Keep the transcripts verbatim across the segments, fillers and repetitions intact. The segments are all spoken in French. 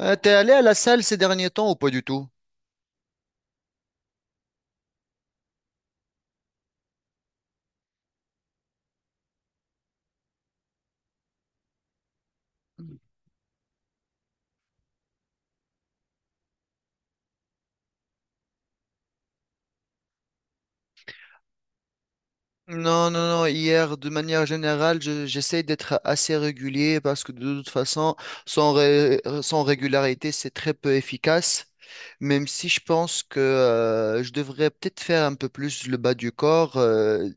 Euh, t'es allé à la salle ces derniers temps ou pas du tout? Non, non, non. Hier, de manière générale, je- j'essaie d'être assez régulier parce que de toute façon, sans, ré- sans régularité, c'est très peu efficace. Même si je pense que euh, je devrais peut-être faire un peu plus le bas du corps. euh,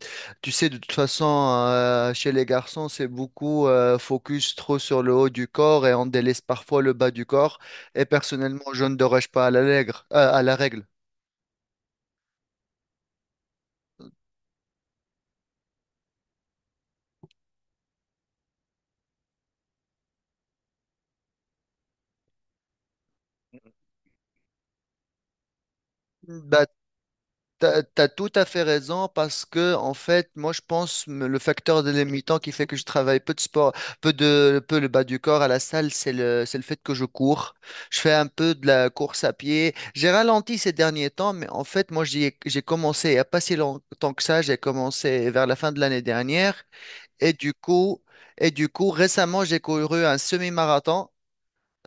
Tu sais, de toute façon, euh, chez les garçons, c'est beaucoup euh, focus trop sur le haut du corps et on délaisse parfois le bas du corps. Et personnellement, je ne déroge pas à la règle. Euh, à la règle. Bah, T'as, t'as tout à fait raison parce que, en fait, moi, je pense me- le facteur délimitant qui fait que je travaille peu de sport, peu de, peu le bas du corps à la salle, c'est le, c'est le fait que je cours. Je fais un peu de la course à pied. J'ai ralenti ces derniers temps, mais en fait, moi, j'y ai- j'ai commencé il n'y a pas si longtemps que ça. J'ai commencé vers la fin de l'année dernière. Et du coup, et du coup, récemment, j'ai couru un semi-marathon.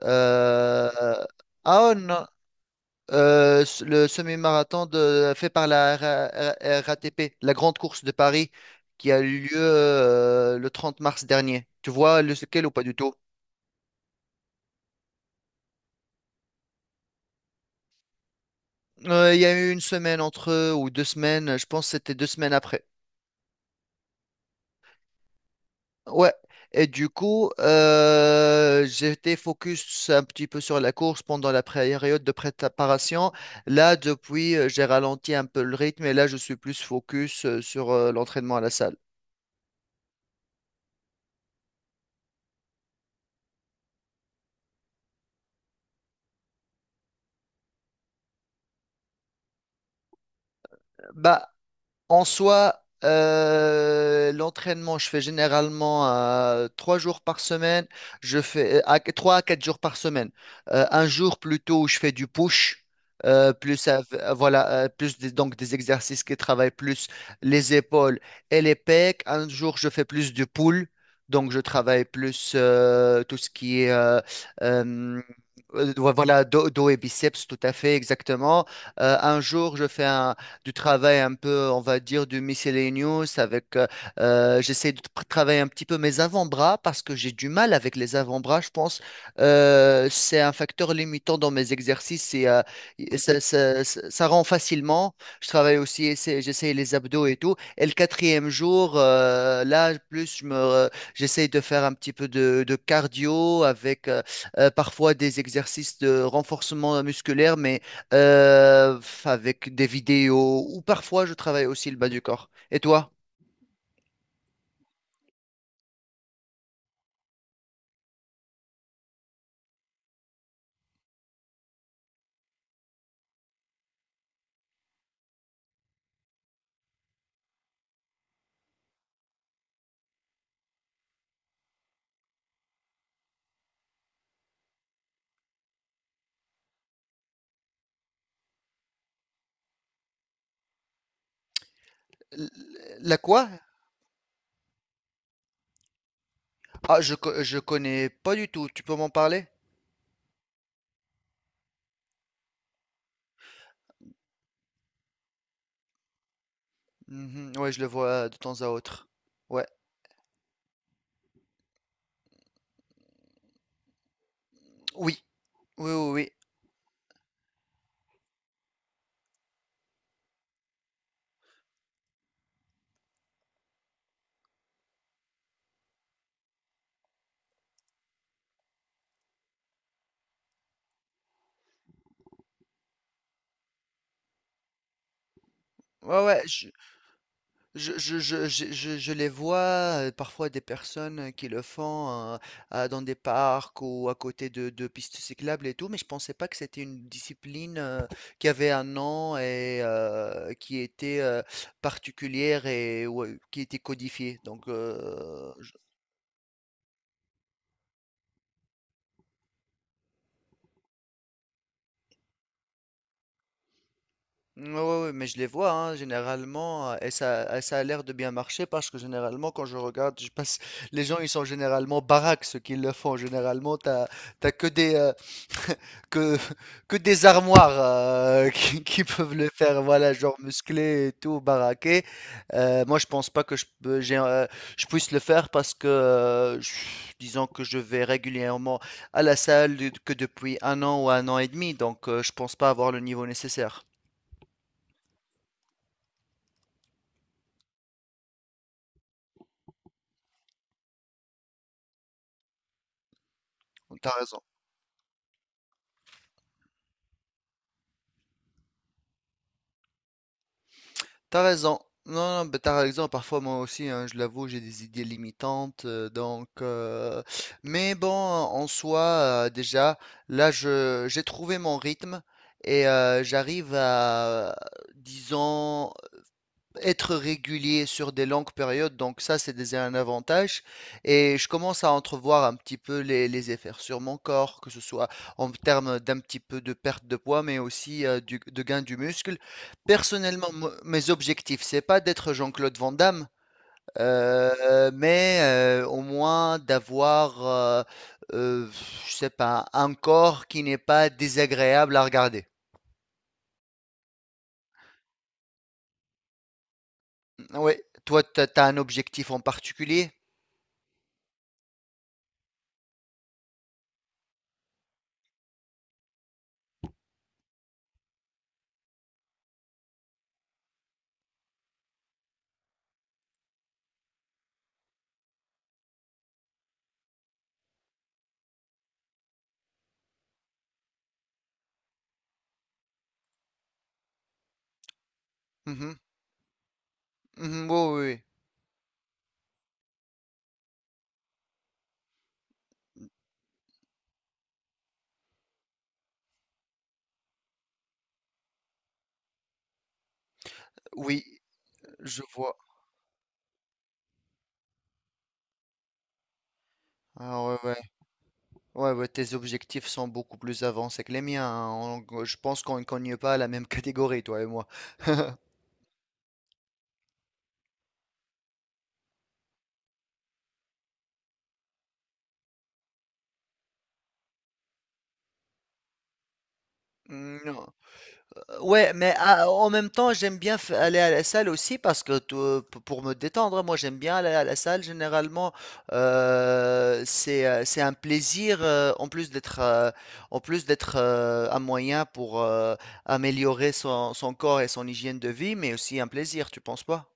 Euh, ah oh, non. Euh, s- le semi-marathon de- fait par la RA- R A T P, la grande course de Paris, qui a eu lieu euh, le trente mars dernier. Tu vois lequel ou pas du tout? Euh, Il y a eu une semaine entre eux, ou deux semaines, je pense que c'était deux semaines après. Ouais. Et du coup, euh, j'étais focus un petit peu sur la course pendant la période de préparation. Là, depuis, euh, j'ai ralenti un peu le rythme et là, je suis plus focus euh, sur euh, l'entraînement à la salle. Bah, en soi, euh, l'entraînement, je fais généralement euh, trois jours par semaine. Je fais euh, à- trois à quatre jours par semaine. Euh, un jour plutôt où je fais du push, euh, plus av- euh, voilà, euh, plus des, donc des exercices qui travaillent plus les épaules et les pecs. Un jour, je fais plus du pull, donc je travaille plus euh, tout ce qui est euh, euh, euh, voilà, dos, dos et biceps, tout à fait exactement. Euh, un jour, je fais un du travail un peu, on va dire, du miscellaneous avec, euh, euh, j'essaie de tra- travailler un petit peu mes avant-bras parce que j'ai du mal avec les avant-bras, je pense. Euh, c'est un facteur limitant dans mes exercices et euh, et ça, ça- ça- ça rend facilement. Je travaille aussi, essaie- j'essaie les abdos et tout. Et le quatrième jour, euh, là, plus je me, euh, j'essaie de faire un petit peu de, de cardio avec euh, euh, parfois des exercices de renforcement musculaire, mais euh, avec des vidéos ou parfois je travaille aussi le bas du corps. Et toi, l- la quoi? Ah, je, co- je connais pas du tout. Tu peux m'en parler? Mhm, ouais, je le vois de temps à autre. Ouais, oui, oui, oui, oui. Ouais, ouais, je, Je, je, je, je, je- je les vois euh, parfois des personnes euh, qui le font euh, à- dans des parcs ou à côté de, de pistes cyclables et tout, mais je pensais pas que c'était une discipline euh, qui avait un nom et euh, qui était euh, particulière et ouais, qui était codifiée. Donc, euh, je- ouais, ouais, ouais, mais je les vois hein, généralement euh, et ça, et ça a l'air de bien marcher parce que généralement quand je regarde, je passe, les gens ils sont généralement baraques ceux qui le font. Généralement, t'as, t'as que des euh, que que des armoires euh, qui, qui peuvent le faire, voilà, genre musclé et tout, baraqué. Euh, moi, je pense pas que je, peux- j'ai, euh, je puisse le faire parce que, euh, je- disons que je vais régulièrement à la salle de- que depuis un an ou un an et demi, donc euh, je pense pas avoir le niveau nécessaire. T'as raison. T'as raison. Non, non, ben, t'as raison. Parfois, moi aussi, hein, je l'avoue, j'ai des idées limitantes. Euh, donc, euh, mais bon, en soi, euh, déjà, là, je, j'ai trouvé mon rythme et euh, j'arrive à, disons, être régulier sur des longues périodes, donc ça c'est déjà un avantage. Et je commence à entrevoir un petit peu les, les effets sur mon corps, que ce soit en termes d'un petit peu de perte de poids, mais aussi euh, du- de gain du muscle. Personnellement, mo- mes objectifs, c'est pas d'être Jean-Claude Van Damme, euh, mais euh, au moins d'avoir, euh, euh, je sais pas, un corps qui n'est pas désagréable à regarder. Oui, toi, tu as un objectif en particulier? Mhm, mhm, ouais, ouais, ouais. Oui, oui. Oui, je vois. Ah ouais, ouais, ouais, ouais, tes objectifs sont beaucoup plus avancés que les miens, hein. On- je pense qu'on ne cogne pas à la même catégorie, toi et moi. Mmh, non. Ouais, mais ah, en même temps, j'aime bien f- aller à la salle aussi parce que tout- p- pour me détendre, hein, moi j'aime bien aller à la salle. Généralement, euh, c'est euh, c'est un plaisir euh, en plus d'être euh, en plus d'être euh, un moyen pour euh, améliorer son, son corps et son hygiène de vie, mais aussi un plaisir, tu penses pas?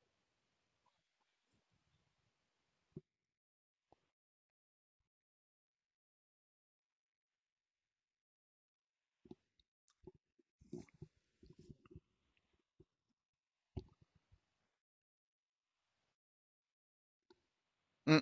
Mm,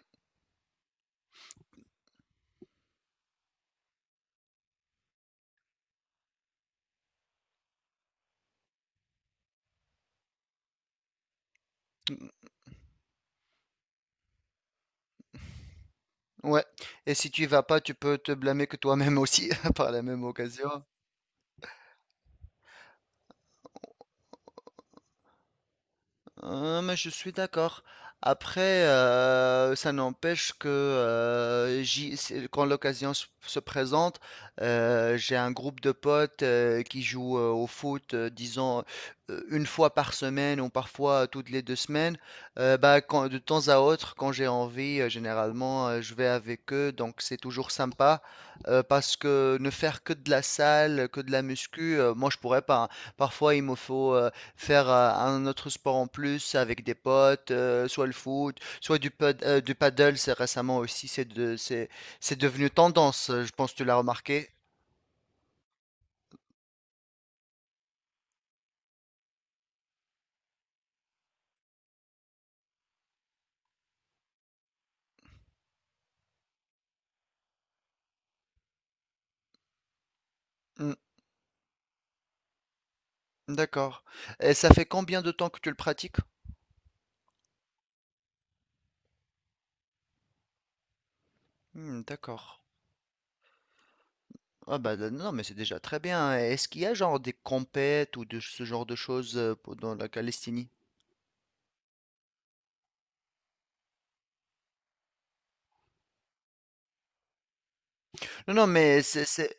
ouais. Et si tu y vas pas, tu peux te blâmer que toi-même aussi par la même occasion. Euh, mais je suis d'accord. Après, euh, ça n'empêche que euh, j'y- c'est- quand l'occasion se se présente, euh, j'ai un groupe de potes euh, qui jouent euh, au foot, euh, disons, euh, une fois par semaine ou parfois toutes les deux semaines. Euh, bah, quand- de temps à autre, quand j'ai envie, euh, généralement, euh, je vais avec eux. Donc, c'est toujours sympa euh, parce que ne faire que de la salle, que de la muscu, euh, moi, je pourrais pas, hein. Parfois, il me faut... euh, Faire, euh, un autre sport en plus avec des potes, euh, soit le foot, soit du, pad- euh, du paddle, c'est récemment aussi, c'est de- c'est, c'est devenu tendance, euh, je pense que tu l'as remarqué. Hmm, d'accord. Et ça fait combien de temps que tu le pratiques? Hmm, d'accord. Ah bah euh, non, mais c'est déjà très bien. Est-ce qu'il y a genre des compètes ou de ce genre de choses euh, pour- dans la Calestinie? Non, non, mais c'est c'est-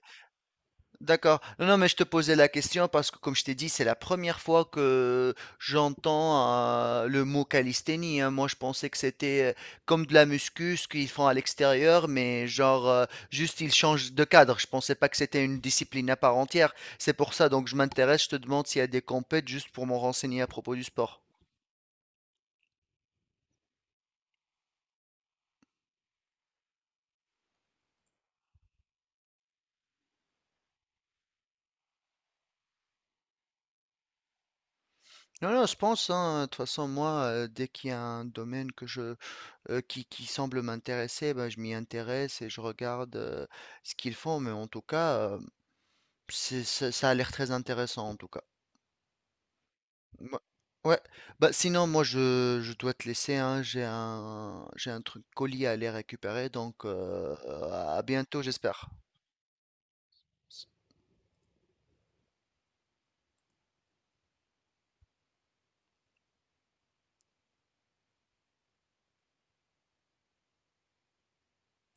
d'accord. Non, non, mais je te posais la question parce que, comme je t'ai dit, c'est la première fois que j'entends euh, le mot calisthénie, hein. Moi, je pensais que c'était euh, comme de la muscu, ce qu'ils font à l'extérieur, mais genre, euh, juste ils changent de cadre. Je pensais pas que c'était une discipline à part entière. C'est pour ça, donc je m'intéresse, je te demande s'il y a des compètes juste pour m'en renseigner à propos du sport. Non, non, je pense, hein, de toute façon, moi, euh, dès qu'il y a un domaine que je, euh, qui, qui semble m'intéresser, ben, je m'y intéresse et je regarde euh, ce qu'ils font, mais en tout cas, euh, c'est, ça, ça a l'air très intéressant, en tout cas. Ouais, ouais. Bah, sinon, moi, je, je dois te laisser, hein, j'ai un, j'ai un truc colis à aller récupérer, donc euh, à bientôt, j'espère.